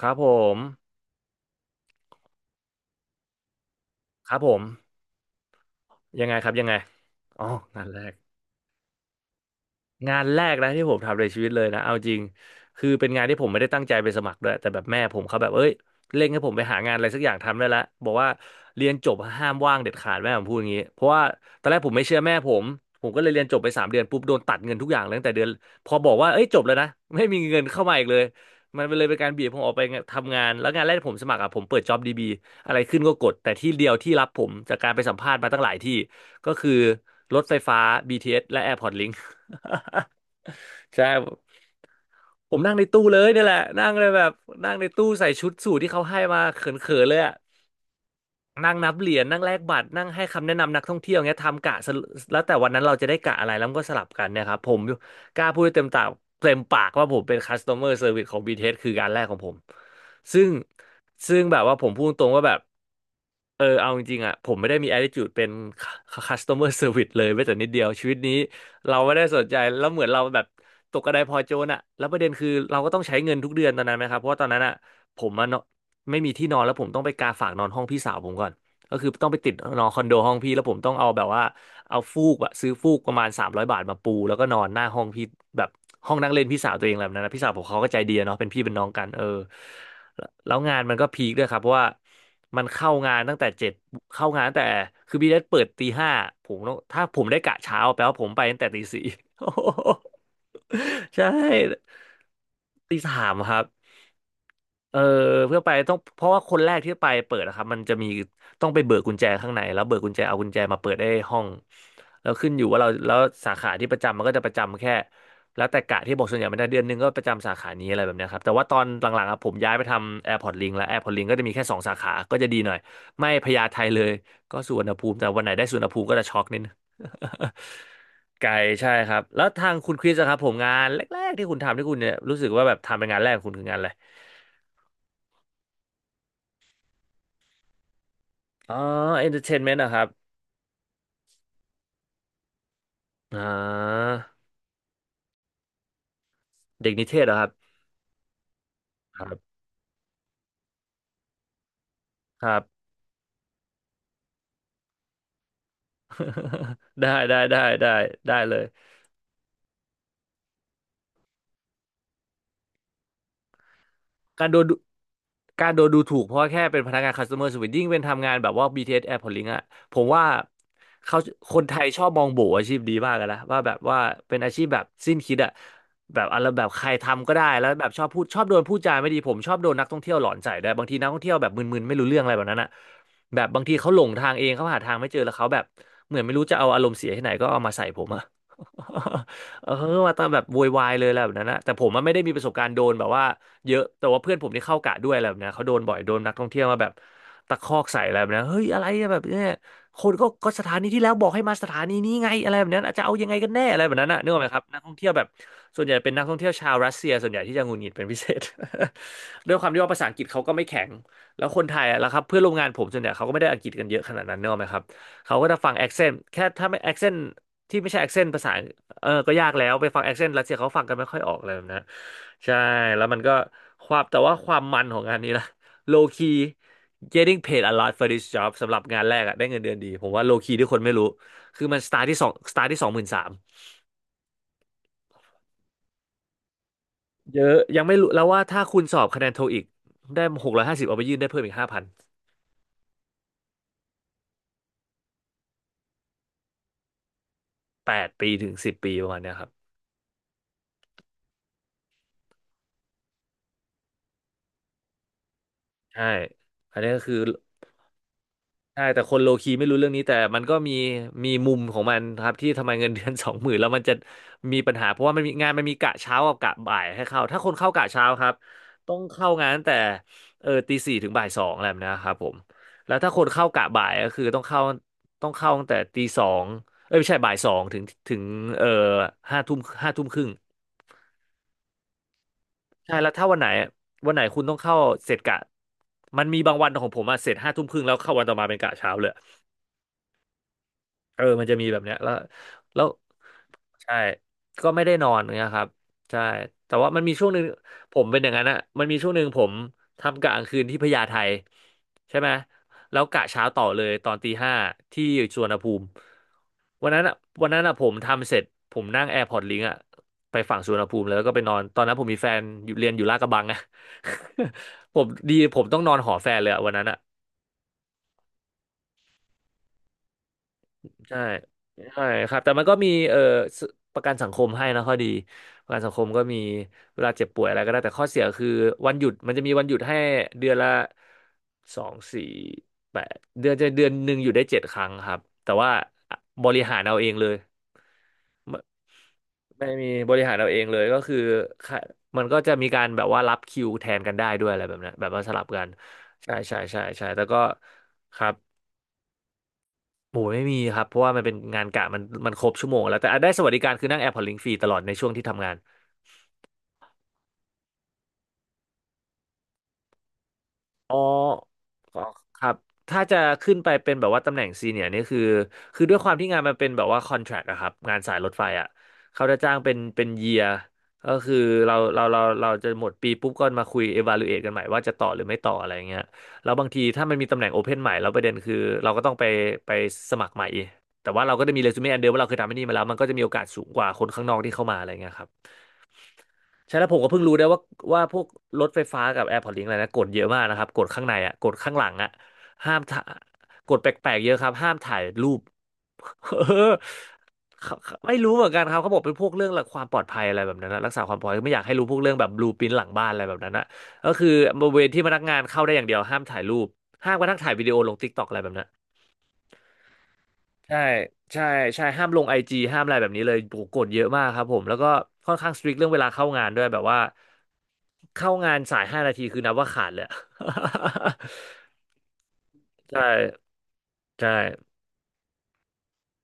ครับผมครับผมยังไงครับยังไงอ๋องานแรก งานแรกนะที่ผมทำในชีวิตเลยนะเอาจริงคือเป็นงานที่ผมไม่ได้ตั้งใจไปสมัครด้วยแต่แบบแม่ผมเขาแบบเอ้ยเร่งให้ผมไปหางานอะไรสักอย่างทำได้แล้วบอกว่าเรียนจบห้ามว่างเด็ดขาดแม่ผมพูดอย่างนี้เพราะว่าตอนแรกผมไม่เชื่อแม่ผมผมก็เลยเรียนจบไป3 เดือนปุ๊บโดนตัดเงินทุกอย่างเลยตั้งแต่เดือนพอบอกว่าเอ้ยจบแล้วนะไม่มีเงินเข้ามาอีกเลยมันเลยเป็นการบีบผมออกไปทำงานแล้วงานแรกที่ผมสมัครอ่ะผมเปิด JobDB อะไรขึ้นก็กดแต่ที่เดียวที่รับผมจากการไปสัมภาษณ์มาตั้งหลายที่ ก็คือรถไฟฟ้า BTS และ Airport Link ใช่ ผมนั่งในตู้เลยนี่แหละนั่งเลยแบบนั่งในตู้ใส่ชุดสูทที่เขาให้มาเขินๆเลยอะ นั่งนับเหรียญนั่งแลกบัตรนั่งให้คำแนะนำนักท่องเที่ยวเงี้ยทำกะสรุแล้วแต่วันนั้นเราจะได้กะอะไรแล้วมันก็สลับกันเนี่ยครับผมกล้าพูดได้เต็มปากว่าผมเป็น customer service ของ BTS คืองานแรกของผมซึ่งซึ่งแบบว่าผมพูดตรงว่าแบบเอาจริงๆอ่ะผมไม่ได้มี attitude เป็น customer service เลยแม้แต่นิดเดียวชีวิตนี้เราไม่ได้สนใจแล้วเหมือนเราแบบตกกระไดพลอยโจรอ่ะแล้วประเด็นคือเราก็ต้องใช้เงินทุกเดือนตอนนั้นไหมครับเพราะว่าตอนนั้นอ่ะผมอะเนาะ ไม่มีที่นอนแล้วผมต้องไปกาฝากนอนห้องพี่สาวผมก่อนก็คือต้องไปติดนอนคอนโดห้องพี่แล้วผมต้องเอาแบบว่าเอาฟูกอะซื้อฟูกประมาณ300 บาทมาปูแล้วก็นอนหน้าห้องพี่แบบห้องนั่งเล่นพี่สาวตัวเองอะไรแบบนั้นนะพี่สาวผมเขาก็ใจดีอะเนาะเป็นพี่เป็นน้องกันเออแล้วงานมันก็พีคด้วยครับเพราะว่ามันเข้างานตั้งแต่เจ็ดเข้างานตั้งแต่คือบีเอสเปิดตีห้าผมต้องถ้าผมได้กะเช้าแปลว่าผมไปตั้งแต่ตีสี่ ใช่ตีสามครับ เออเพื่อไปต้องเพราะว่าคนแรกที่ไปเปิดนะครับมันจะมีต้องไปเบิกกุญแจข้างในแล้วเบิกกุญแจเอากุญแจมาเปิดได้ห้องแล้วขึ้นอยู่ว่าเราแล้วสาขาที่ประจำมันก็จะประจำแค่แล้วแต่กะที่บอกส่วนใหญ่ไม่ได้เดือนหนึงก็ประจำสาขานี้อะไรแบบเนี้ยครับแต่ว่าตอนหลังๆอะผมย้ายไปทำแอ r p พ r t l i ลิแล้วแอร์พอร์ตลิงก็จะมีแค่2 สาขาก็จะดีหน่อยไม่พญาไทเลยก็สุวรรณภูมิแต่วันไหนได้สุวรรณภูมิก็จะช็อกนิดนึง ไกลใช่ครับแล้วทางคุณคริสอะครับผมงานแรกๆที่คุณทำที่คุณเนี่ยรู้สึกว่าแบบทำเป็นงานแรกของคุณคืองานอะไร อ๋อเอนเตอร์เทนเมนต์นะครับอ่าเด็กนิเทศเหรอครับ ครับ ครับ ได้ได้ได้ได้ได้เลย การโดนดูการโดนดูถูกเพราะว่าแค่เป็นพนักงาน customer service ยิ่งเป็นทำงานแบบว่า BTS Airport Link อะผมว่าเขาคนไทยชอบมองโบอาชีพดีมากกันนะว่าแบบว่าเป็นอาชีพแบบสิ้นคิดอะแบบอะไรแบบใครทำก็ได้แล้วแบบชอบพูดชอบโดนพูดจาไม่ดีผมชอบโดนนักท่องเที่ยวหลอนใส่ด้วยบางทีนักท่องเที่ยวแบบมึนๆไม่รู้เรื่องอะไรแบบนั้นอะแบบบางทีเขาหลงทางเองเขาหาทางไม่เจอแล้วเขาแบบเหมือนไม่รู้จะเอาอารมณ์เสียที่ไหนก็เอามาใส่ผมอะ เออมาตามแบบโวยวายเลยอะไรแบบนั้นนะแต่ผมมันไม่ได้มีประสบการณ์โดนแบบว่า เยอะแต่ว่าเพื่อนผมที่เข้ากะด้วยอะไรแบบเนี้ยเขาโดนบ่อยโดนนักท่องเที่ยวมาแบบตะคอกใส่อะไรแบบเนี้ยเฮ้ยอะไรอะแบบเนี้ยคนก็ก็สถานีที่แล้วบอกให้มาสถานีนี้ไงอะไรแบบนั้นอาจจะเอายังไงกันแน่อะไรแบบนั้นนะนึกออกไหมครับนักท่องเที่ยวแบบส่วนใหญ่เป็นนักท่องเที่ยวชาวรัสเซียส่วนใหญ่ที่จะหงุดหงิดเป็นพิเศษ ด้วยความที่ว่าภาษาอังกฤษเขาก็ไม่แข็งแล้วคนไทยอะแล้วครับเพื่อนร่วมงานผมส่วนใหญ่เขาก็ไม่ได้อังกฤษกันเยอะขนาดนั้นเนกอะไหมครับเขาก็จะฟังแอคเซนต์แค่ถ้าไม่แอคเซนต์ที่ไม่ใช่แอคเซนต์ภาษา เออก็ยากแล้วไปฟังแอคเซนต์รัสเซียเขาฟังกันไม่ค่อยออกเลยนะ ใช่แล้วมันก็ความแต่ว่าความมันของงานนี้นะ low key getting paid a lot for this job สำหรับงานแรกอะได้เงินเดือนดีผมว่า low key ที่คนไม่รู้ คือมัน start ที่23,000 เยอะยังไม่รู้แล้วว่าถ้าคุณสอบคะแนนโทอีกได้650เอาไปยื่นได้เพิ่มอีก5,0008 ปีถึง10 ปีประมาณเนี้ยครับใช่อันนี้ก็คือ ใช่แต่คนโลคีไม่รู้เรื่องนี้แต่มันก็มีมีมุมของมันครับที่ทำไมเงินเดือน สองหมื่นแล้วมันจะมีปัญหาเพราะว่ามันมีงานมันมีกะเช้ากับกะบ่ายให้เข้าถ้าคนเข้ากะเช้าครับต้องเข้างานตั้งแต่เออตีสี่ถึงบ่ายสองอะไรแบบนะครับผมแล้วถ้าคนเข้ากะบ่ายก็คือต้องเข้าตั้งแต่ตีสองเอ้ยไม่ใช่บ่ายสองถึงถึงเออห้าทุ่มห้าทุ่มครึ่งใช่แล้วถ้าวันไหนคุณต้องเข้าเสร็จกะมันมีบางวันของผมอะเสร็จห้าทุ่มครึ่งแล้วเข้าวันต่อมาเป็นกะเช้าเลย เออมันจะมีแบบเนี้ยแล้วแล้วใช่ก็ไม่ได้นอนเงี้ยครับใช่แต่ว่ามันมีช่วงหนึ่งผมเป็นอย่างนั้นอะมันมีช่วงหนึ่งผมทำกะกลางคืนที่พญาไทใช่ไหมแล้วกะเช้าต่อเลยตอนตีห้าที่สุวรรณภูมิวันนั้นอะวันนั้นอะผมทำเสร็จผมนั่งแอร์พอร์ตลิงอะไปฝั่งสุวรรณภูมิเลยแล้วก็ไปนอน ตอนนั้นผมมีแฟนอยู่เรียนอยู่ลาดกระบังอะ ผมดีผมต้องนอนหอแฟนเลยอะวันนั้นอะ ใช่ใช่ครับแต่มันก็มีเอ่อสประกันสังคมให้นะข้อดีประกันสังคมก็มีเวลาเจ็บป่วยอะไรก็ได้แต่ข้อเสียคือวันหยุดมันจะมีวันหยุดให้เดือนละสองสี่แปดเดือนจะเดือนหนึ่งอยู่ได้7 ครั้งครับแต่ว่าบริหารเอาเองเลยไม่มีบริหารเอาเองเลยก็คือค่ะมันก็จะมีการแบบว่ารับคิวแทนกันได้ด้วยอะไรแบบนั้นแบบว่าสลับกันใช่ใช่ใช่ใช่แต่ก็ครับ โอ้ยไม่มีครับเพราะว่ามันเป็นงานกะมันครบชั่วโมงแล้วแต่อ่ะได้สวัสดิการคือนั่งแอร์พอร์ตลิงฟรีตลอดในช่วงที่ทำงาน อ๋ออ๋อครับ ถ้าจะขึ้นไปเป็นแบบว่าตำแหน่งซีเนียร์นี่คือ คือด้วยความที่งานมันเป็นแบบว่าคอนแทรคอะครับงานสายรถไฟอะเขาจะจ้างเป็นเยียร์ก็คือเราจะหมดปีปุ๊บก็มาคุย evaluate กันใหม่ว่าจะต่อหรือไม่ต่ออะไรเงี้ยแล้วบางทีถ้ามันมีตำแหน่งโอเพนใหม่แล้วประเด็นคือเราก็ต้องไปไปสมัครใหม่ แต่ว่าเราก็จะมีเรซูเม่อันเดิมว่าเราเคยทำที่นี่มาแล้วมันก็จะมีโอกาสสูงกว่าคนข้างนอกที่เข้ามาอะไรเงี้ยครับ ใช่แล้วผมก็เพิ่งรู้ได้ว่าพวกรถไฟฟ้ากับ AirPods Link อะไรนะกดเยอะมากนะครับกดข้างในอ่ะกดข้างหลังอ่ะห้ามถ่ากดแปลกๆเยอะครับห้ามถ่ายรูป เออเขาไม่รู้เหมือนกันครับเขาบอกเป็นพวกเรื่องหลักความปลอดภัยอะไรแบบนั้นนะรักษาความปลอดภัยไม่อยากให้รู้พวกเรื่องแบบบลูปินหลังบ้านอะไรแบบนั้นนะก็คือบริเวณที่พนักงานเข้าได้อย่างเดียวห้ามถ่ายรูปห้ามกระทั่งถ่ายวิดีโอลง TikTok อะไรแบบนั้น ใช่ใช่ใช่ห้ามลงไอจีห้ามอะไรแบบนี้เลยโหกฎเยอะมากครับผมแล้วก็ค่อนข้างสตริกเรื่องเวลาเข้างานด้วยแบบว่าเข้างานสาย5 นาทีคือนับว่าขาดเลยอะ ใช่ใช่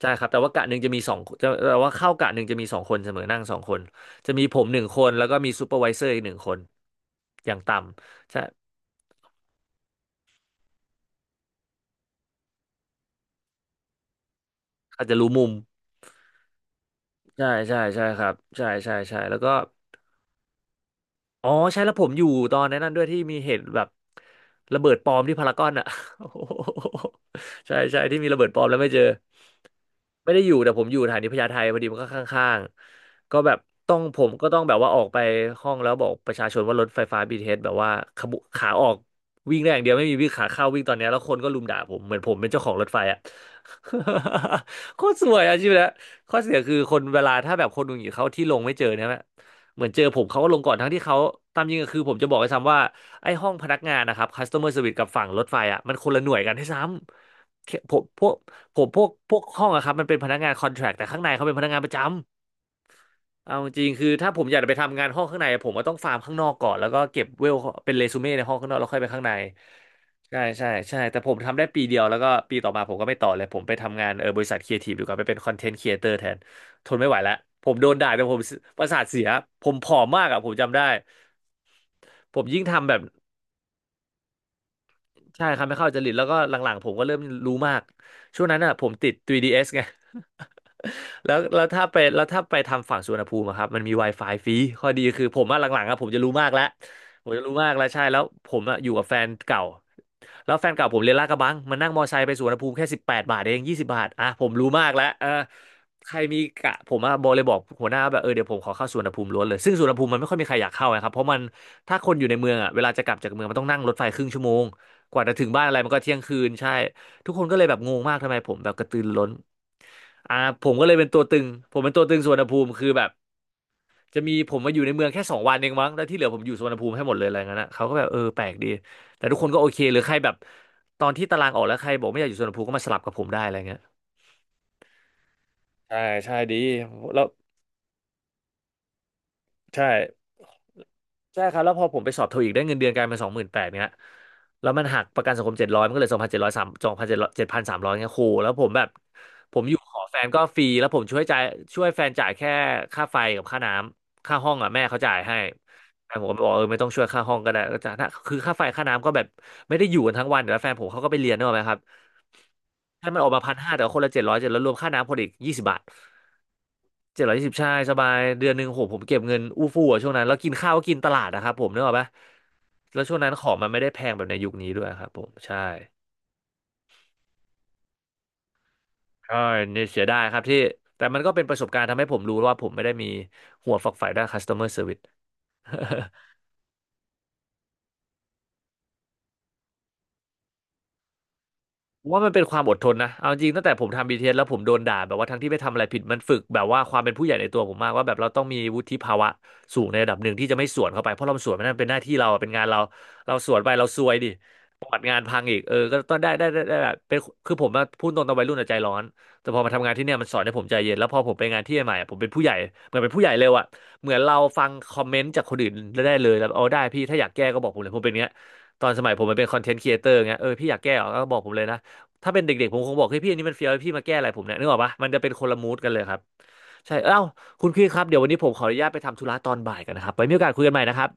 ใช่ครับแต่ว่ากะหนึ่งจะมีสองจะแต่ว่าเข้ากะหนึ่งจะมีสองคนเสมอนั่งสองคนจะมีผมหนึ่งคนแล้วก็มีซูเปอร์ไวเซอร์อีกหนึ่งคนอย่างต่ำใช่อาจจะรู้มุมใช่ใช่ใช่ครับใช่ใช่ใช่แล้วก็ อ๋อใช่แล้วผมอยู่ตอนนั้นด้วยที่มีเหตุแบบระเบิดปลอมที่พารากอนอ่ะ โอ้โหใช่ใช่ที่มีระเบิดปลอมแล้วไม่เจอไม่ได้อยู่แต่ผมอยู่สถานีพญาไทพอดีมันก็ข้างๆก็แบบต้องผมก็ต้องแบบว่าออกไปห้องแล้วบอกประชาชนว่ารถไฟฟ้าบีทีเ t สแบบว่าขบขาออกวิ่งได้อย่างเดียวไม่มีวิ่งขาเข้าวิ่งตอนเนี้ยแล้วคนก็รุมด่าผมเหมือนผมเป็นเจ้าของรถไฟอ่ะ โคตรสวยอาชีพนะข้อเสียคือคนเวลาถ้าแบบคนดูอยู่เขาที่ลงไม่เจอเนี่ยไหม เหมือนเจอผมเขาก็ลงก่อนทั้งที่เขาตามจริงก็คือผมจะบอกไห้ซ้ำว่าไอ้ห้องพนักงานนะครับ customer s e r v i ิ e กับฝั่งรถไฟอ่ะมันคนละหน่วยกันให้ซ้ำผมพวกพวกห้องอะครับมันเป็นพนักงาน contract แทรคแต่ข้างในเขาเป็นพนักงานประจำ เอาจริงคือถ้าผมอยากจะไปทำงานห้องข้างในผมก็ต้องฟาร์มข้างนอกก่อนแล้วก็เก็บเวลเป็นเรซูเม่ในห้องข้างนอกแล้วค่อยไปข้างในใช่ใช่ใช่แต่ผมทำได้ปีเดียวแล้วก็ปีต่อมาผมก็ไม่ต่อเลยผมไปทำงานบริษัทครีเอทีฟดีกว่าไปเป็นคอนเทนต์ครีเอเตอร์แทนทนไม่ไหวแล้วผมโดนด่าแต่ผมประสาทเสียผมผอมมากอ่ะผมจำได้ผมยิ่งทำแบบ ใช่ครับไม่เข้าจริตแล้วก็หลังๆผมก็เริ่มรู้มากช่วงนั้นอ่ะผมติด 3DS ไง แล้วแล้วถ้าไปทำฝั่งสุวรรณภูมิอะครับมันมี Wi-Fi ฟรีข้อดีคือผมอะหลังๆอะผมจะรู้มากแล้วผมจะรู้มากแล้วใช่แล้วผมอะอยู่กับแฟนเก่าแล้วแฟนเก่าผมเรียนลาดกระบังมันนั่งมอไซค์ไปสุวรรณภูมิแค่สิบแปดบาทเองยี่สิบบาทอ่ะผมรู้มากแล้วเออใครมีกะผมอะบอกเลยบอกหัวหน้าแบบเออเดี๋ยวผมขอเข้าสุวรรณภูมิล้วนเลยซึ่งสุวรรณภูมิมันไม่ค่อยมีใครอยากเข้าอะครับเพราะมันถ้าคนอยู่ในเมืองอะเวลาจะกลับจากเมืองมันต้องนั่งรถไฟครึ่งชั่วโมง กว่าจะถึงบ้านอะไรมันก็เที่ยงคืนใช่ทุกคนก็เลยแบบงงมากทำไมผมแบบกระตือรือร้นอ่าผมก็เลยเป็นตัวตึงผมเป็นตัวตึงสุวรรณภูมิคือแบบจะมีผมมาอยู่ในเมืองแค่สองวันเองมั้งแล้วที่เหลือผมอยู่สุวรรณภูมิให้หมดเลยอะไรเงี้ยนะเขาก็แบบเออแปลกดีแต่ทุกคนก็โอเคหรือใครแบบตอนที่ตารางออกแล้วใครบอกไม่อยากอยู่สุวรรณภูมิก็มาสลับกับผมได้อะไรเงี้ยใช่ใช่ดีแล้วใช่ ใช่ครับแล้วพอผมไปสอบโทอีกได้เงินเดือนกลายเป็นสองหมื่นแปดเนี่ยแล้วมันหักประกันสังคมเจ็ดร้อยมันก็เหลือสองพันเจ็ดร้อยสามสองพันเจ็ดร้อยเจ็ดพันสามร้อยเงี้ยโหแล้วผมแบบผมอยู่ขอแฟนก็ฟรีแล้วผมช่วยจ่ายช่วยแฟนจ่ายแค่ค่าไฟกับค่าน้ำค่าห้องอ่ะแม่เขาจ่ายให้แต่ผมก็บอกเออไม่ต้องช่วยค่าห้องก็ได้ก็จ่ายนะคือค่าไฟค่าน้ำก็แบบไม่ได้อยู่กันทั้งวันเดี๋ยวแล้วแฟนผมเขาก็ไปเรียนนึกออกไหมครับ ใ้ามันออกมาพันห้าแต่ว่าคนละเจ็ดร้อยเจ็ดร้อยรวมค่าน้ำคนอีกยี่สิบบาทเจ็ดร้อยยี่สิบใช่สบายเดือนหนึ่งโหผมเก็บเงินอู้ฟู่อะช่วงนั้นแล้วกินข้าวก็กินตลาดนะครับผมนึกออกปะแล้วช่วงนั้นของมันไม่ได้แพงแบบในยุคนี้ด้วยครับผมใช่ใช่เนี่ยเสียดายครับที่แต่มันก็เป็นประสบการณ์ทำให้ผมรู้ว่าผมไม่ได้มีหัวฝักใฝ่ด้าน customer service ผมว่ามันเป็นความอดทนนะเอาจริงตั้งแต่ผมทำ BTS แล้วผมโดนด่าแบบว่าทั้งที่ไม่ทำอะไรผิดมันฝึกแบบว่าความเป็นผู้ใหญ่ในตัวผมมากว่าแบบเราต้องมีวุฒิภาวะสูงในระดับหนึ่งที่จะไม่สวนเข้าไปเพราะเราสวนมันนั่นเป็นหน้าที่เราเป็นงานเราเราสวนไปเราซวยดิประวัติงานพังอีกเออก็ต้องได้แบบเป็นคือผมอะพูดตรงตอนวัยรุ่นอะใจร้อนแต่พอมาทำงานที่เนี่ยมันสอนให้ผมใจเย็นแล้วพอผมไปงานที่ใหม่อะผมเป็นผู้ใหญ่เหมือนเป็นผู้ใหญ่เร็วอะเหมือนเราฟังคอมเมนต์จากคนอื่นได้เลยแล้วเอาได้พี่ถ้าอยากแก้ก็บอกผมเลยผมเป็นอย่างเงี้ยตอนสมัยผมมันเป็นคอนเทนต์ครีเอเตอร์เงี้ยพี่อยากแก้เหรอก็บอกผมเลยนะ ถ้าเป็นเด็กๆผมคงบอกเฮ้ยพี่อันนี้มันเฟี้ยวพี่มาแก้อะไรผมเนี่ยนึกออกปะมันจะเป็นคนละมูดกันเลยครับใช่เอ้าคุณพี่ครับเดี๋ยววันนี้ผมขออนุญาตไปทำธุระตอนบ่ายกันนะครับไว้มีโอกาสคุยกันใหม่นะครับ